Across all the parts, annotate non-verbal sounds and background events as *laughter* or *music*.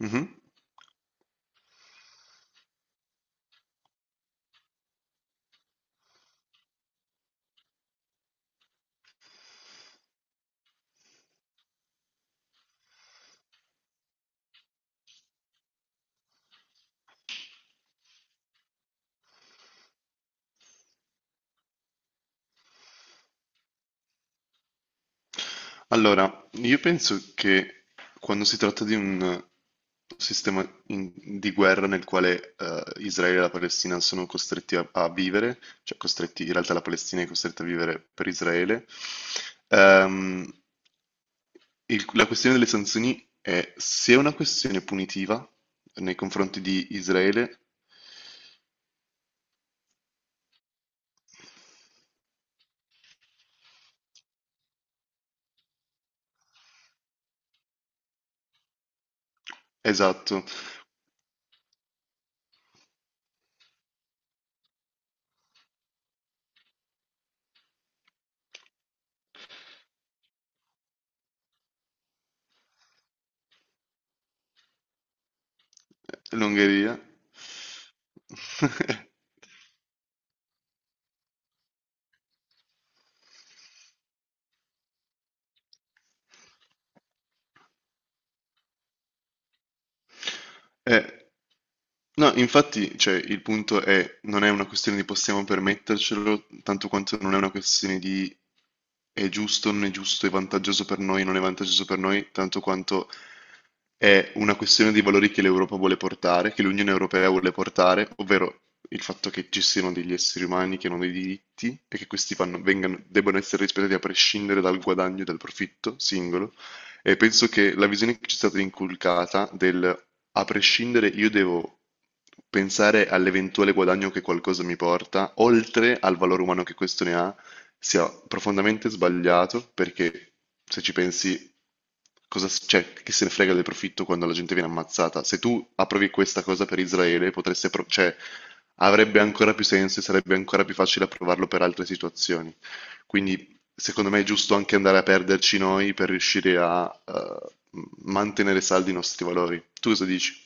Mhm. Allora, io penso che quando si tratta di un sistema in- di guerra nel quale Israele e la Palestina sono costretti a vivere, cioè costretti, in realtà la Palestina è costretta a vivere per Israele, ehm, la questione delle sanzioni è se è una questione punitiva nei confronti di Israele, esatto, l'Ungheria. *laughs* Eh, No, infatti, cioè, il punto è, non è una questione di possiamo permettercelo, tanto quanto non è una questione di è giusto, non è giusto, è vantaggioso per noi, non è vantaggioso per noi, tanto quanto è una questione di valori che l'Europa vuole portare, che l'Unione Europea vuole portare, ovvero il fatto che ci siano degli esseri umani che hanno dei diritti e che questi debbano essere rispettati a prescindere dal guadagno e dal profitto singolo, e penso che la visione che ci è stata inculcata del a prescindere io devo pensare all'eventuale guadagno che qualcosa mi porta, oltre al valore umano che questo ne ha, sia profondamente sbagliato perché se ci pensi, cioè, chi se ne frega del profitto quando la gente viene ammazzata? Se tu approvi questa cosa per Israele, cioè, avrebbe ancora più senso e sarebbe ancora più facile approvarlo per altre situazioni. Quindi secondo me è giusto anche andare a perderci noi per riuscire a mantenere saldi i nostri valori. Tu cosa dici?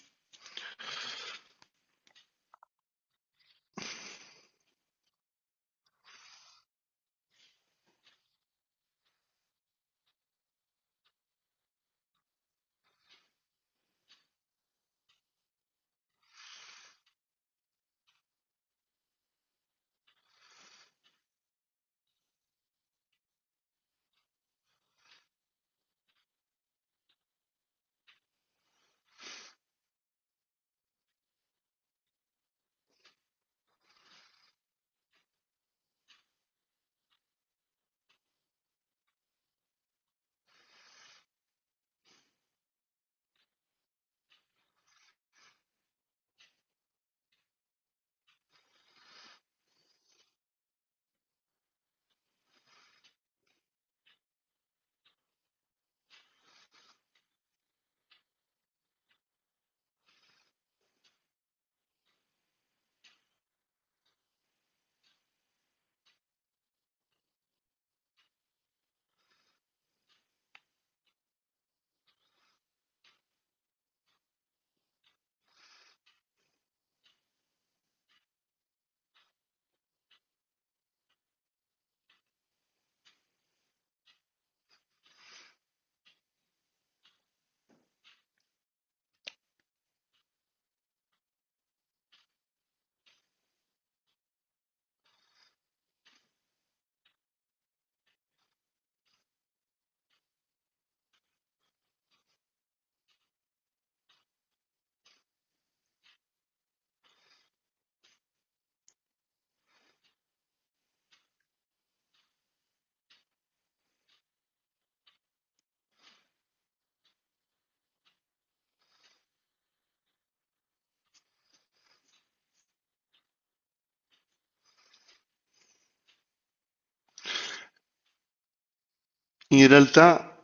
In realtà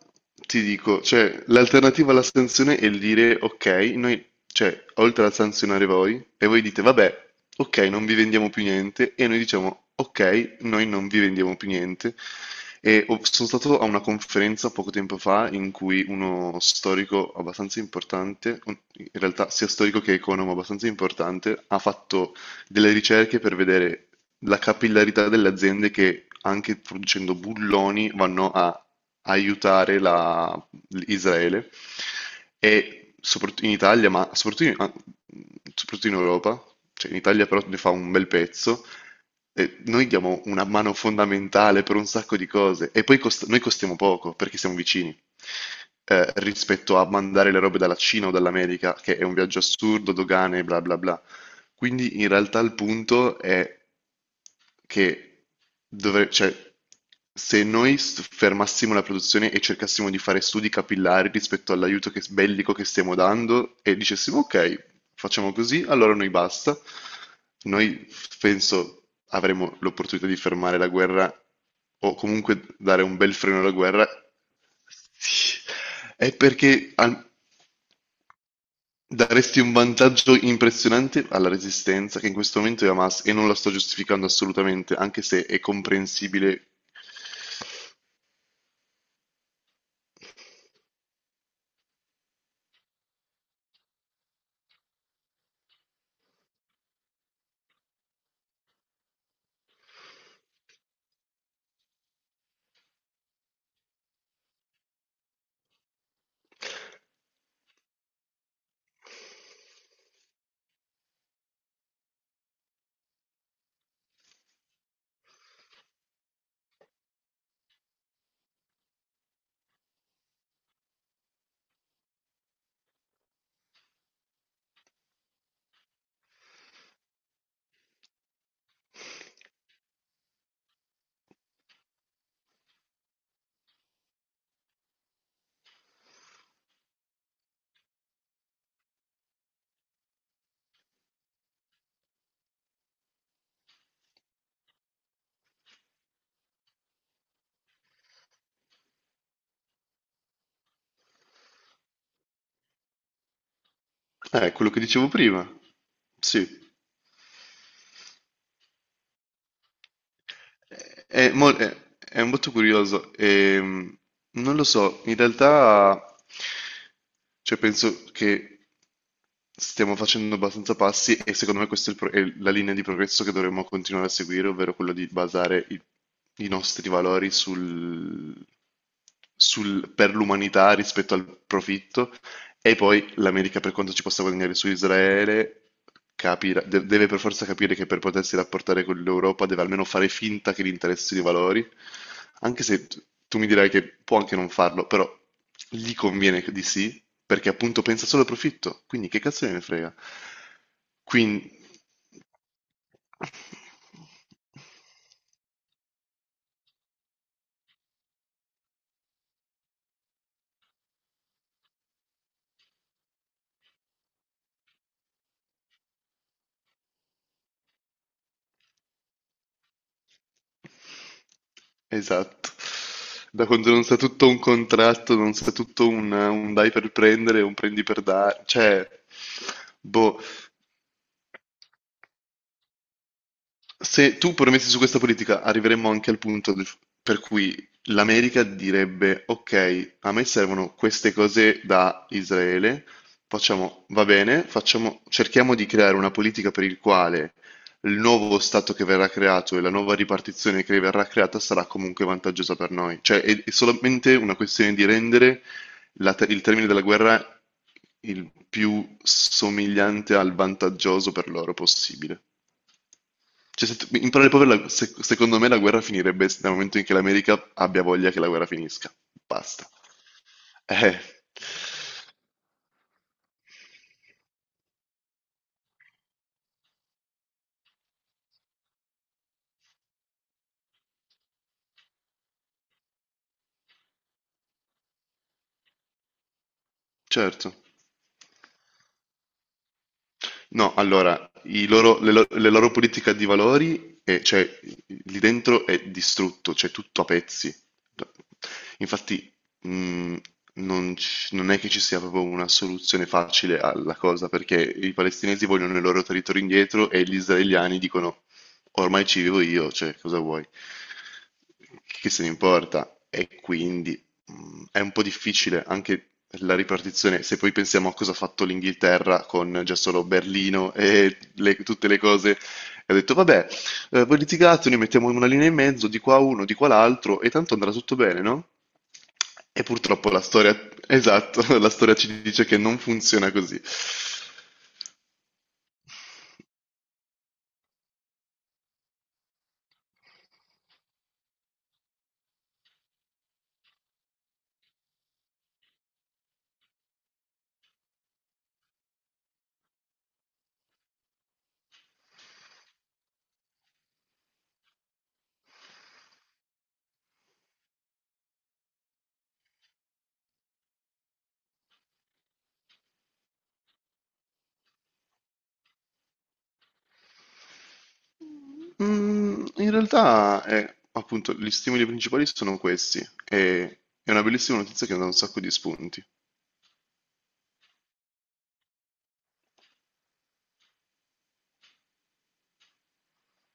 ti dico, cioè, l'alternativa alla sanzione è il dire ok, noi, cioè, oltre a sanzionare voi, e voi dite vabbè, ok, non vi vendiamo più niente, e noi diciamo ok, noi non vi vendiamo più niente. Sono stato a una conferenza poco tempo fa in cui uno storico abbastanza importante, in realtà sia storico che economo abbastanza importante, ha fatto delle ricerche per vedere la capillarità delle aziende che anche producendo bulloni vanno a aiutare la- Israele e soprattutto in Italia, ma soprattutto in soprattutto in Europa, cioè in Italia però ne fa un bel pezzo. E noi diamo una mano fondamentale per un sacco di cose e poi noi costiamo poco perché siamo vicini rispetto a mandare le robe dalla Cina o dall'America, che è un viaggio assurdo, dogane, bla bla bla. Quindi in realtà il punto è che cioè, se noi fermassimo la produzione e cercassimo di fare studi capillari rispetto bellico che stiamo dando e dicessimo ok, facciamo così, allora noi basta, noi penso avremo l'opportunità di fermare la guerra o comunque dare un bel freno alla guerra. Sì, È perché al- daresti un vantaggio impressionante alla Resistenza, che in questo momento è Hamas, e non la sto giustificando assolutamente, anche se è comprensibile. Quello che dicevo prima. Sì, è, è molto curioso. Non lo so, in realtà cioè, penso che stiamo facendo abbastanza passi e secondo me questa è, è la linea di progresso che dovremmo continuare a seguire, ovvero quella di basare i nostri valori per l'umanità rispetto al profitto e poi l'America per quanto ci possa guadagnare su Israele, deve per forza capire che per potersi rapportare con l'Europa deve almeno fare finta che gli interessi i valori, anche se tu mi dirai che può anche non farlo, però gli conviene di sì, perché appunto pensa solo al profitto, quindi che cazzo ne frega? Quindi... Esatto. Da quando non sa tutto un contratto, non sa tutto un dai per prendere, un prendi per dare, cioè, boh. Se tu permetti su questa politica, arriveremmo anche per cui l'America direbbe: Ok, a me servono queste cose da Israele, facciamo, va bene, facciamo, cerchiamo di creare una politica per il quale il nuovo Stato che verrà creato e la nuova ripartizione che verrà creata sarà comunque vantaggiosa per noi. Cioè, è solamente una questione di rendere il termine della guerra il più somigliante al vantaggioso per loro possibile. Cioè, se tu- in parole povere, secondo me la guerra finirebbe dal momento in che l'America abbia voglia che la guerra finisca. Basta. Eh, certo. No, allora, i loro- le, lo- le loro politiche di valori, cioè, lì dentro è distrutto, c'è tutto a pezzi. Infatti, mh, non è che ci sia proprio una soluzione facile alla cosa, perché i palestinesi vogliono il loro territorio indietro e gli israeliani dicono, ormai ci vivo io, cioè, cosa vuoi? Che se ne importa? E quindi mhmm, è un po' difficile anche la ripartizione, se poi pensiamo a cosa ha fatto l'Inghilterra con già solo Berlino e tutte le cose, ha detto vabbè, voi litigate, noi mettiamo una linea in mezzo, di qua uno, di qua l'altro, e tanto andrà tutto bene, no? E purtroppo la storia, esatto, *laughs* la storia ci dice che non funziona così. Mm, in realtà, appunto, gli stimoli principali sono questi, e è una bellissima notizia che dà un sacco di spunti.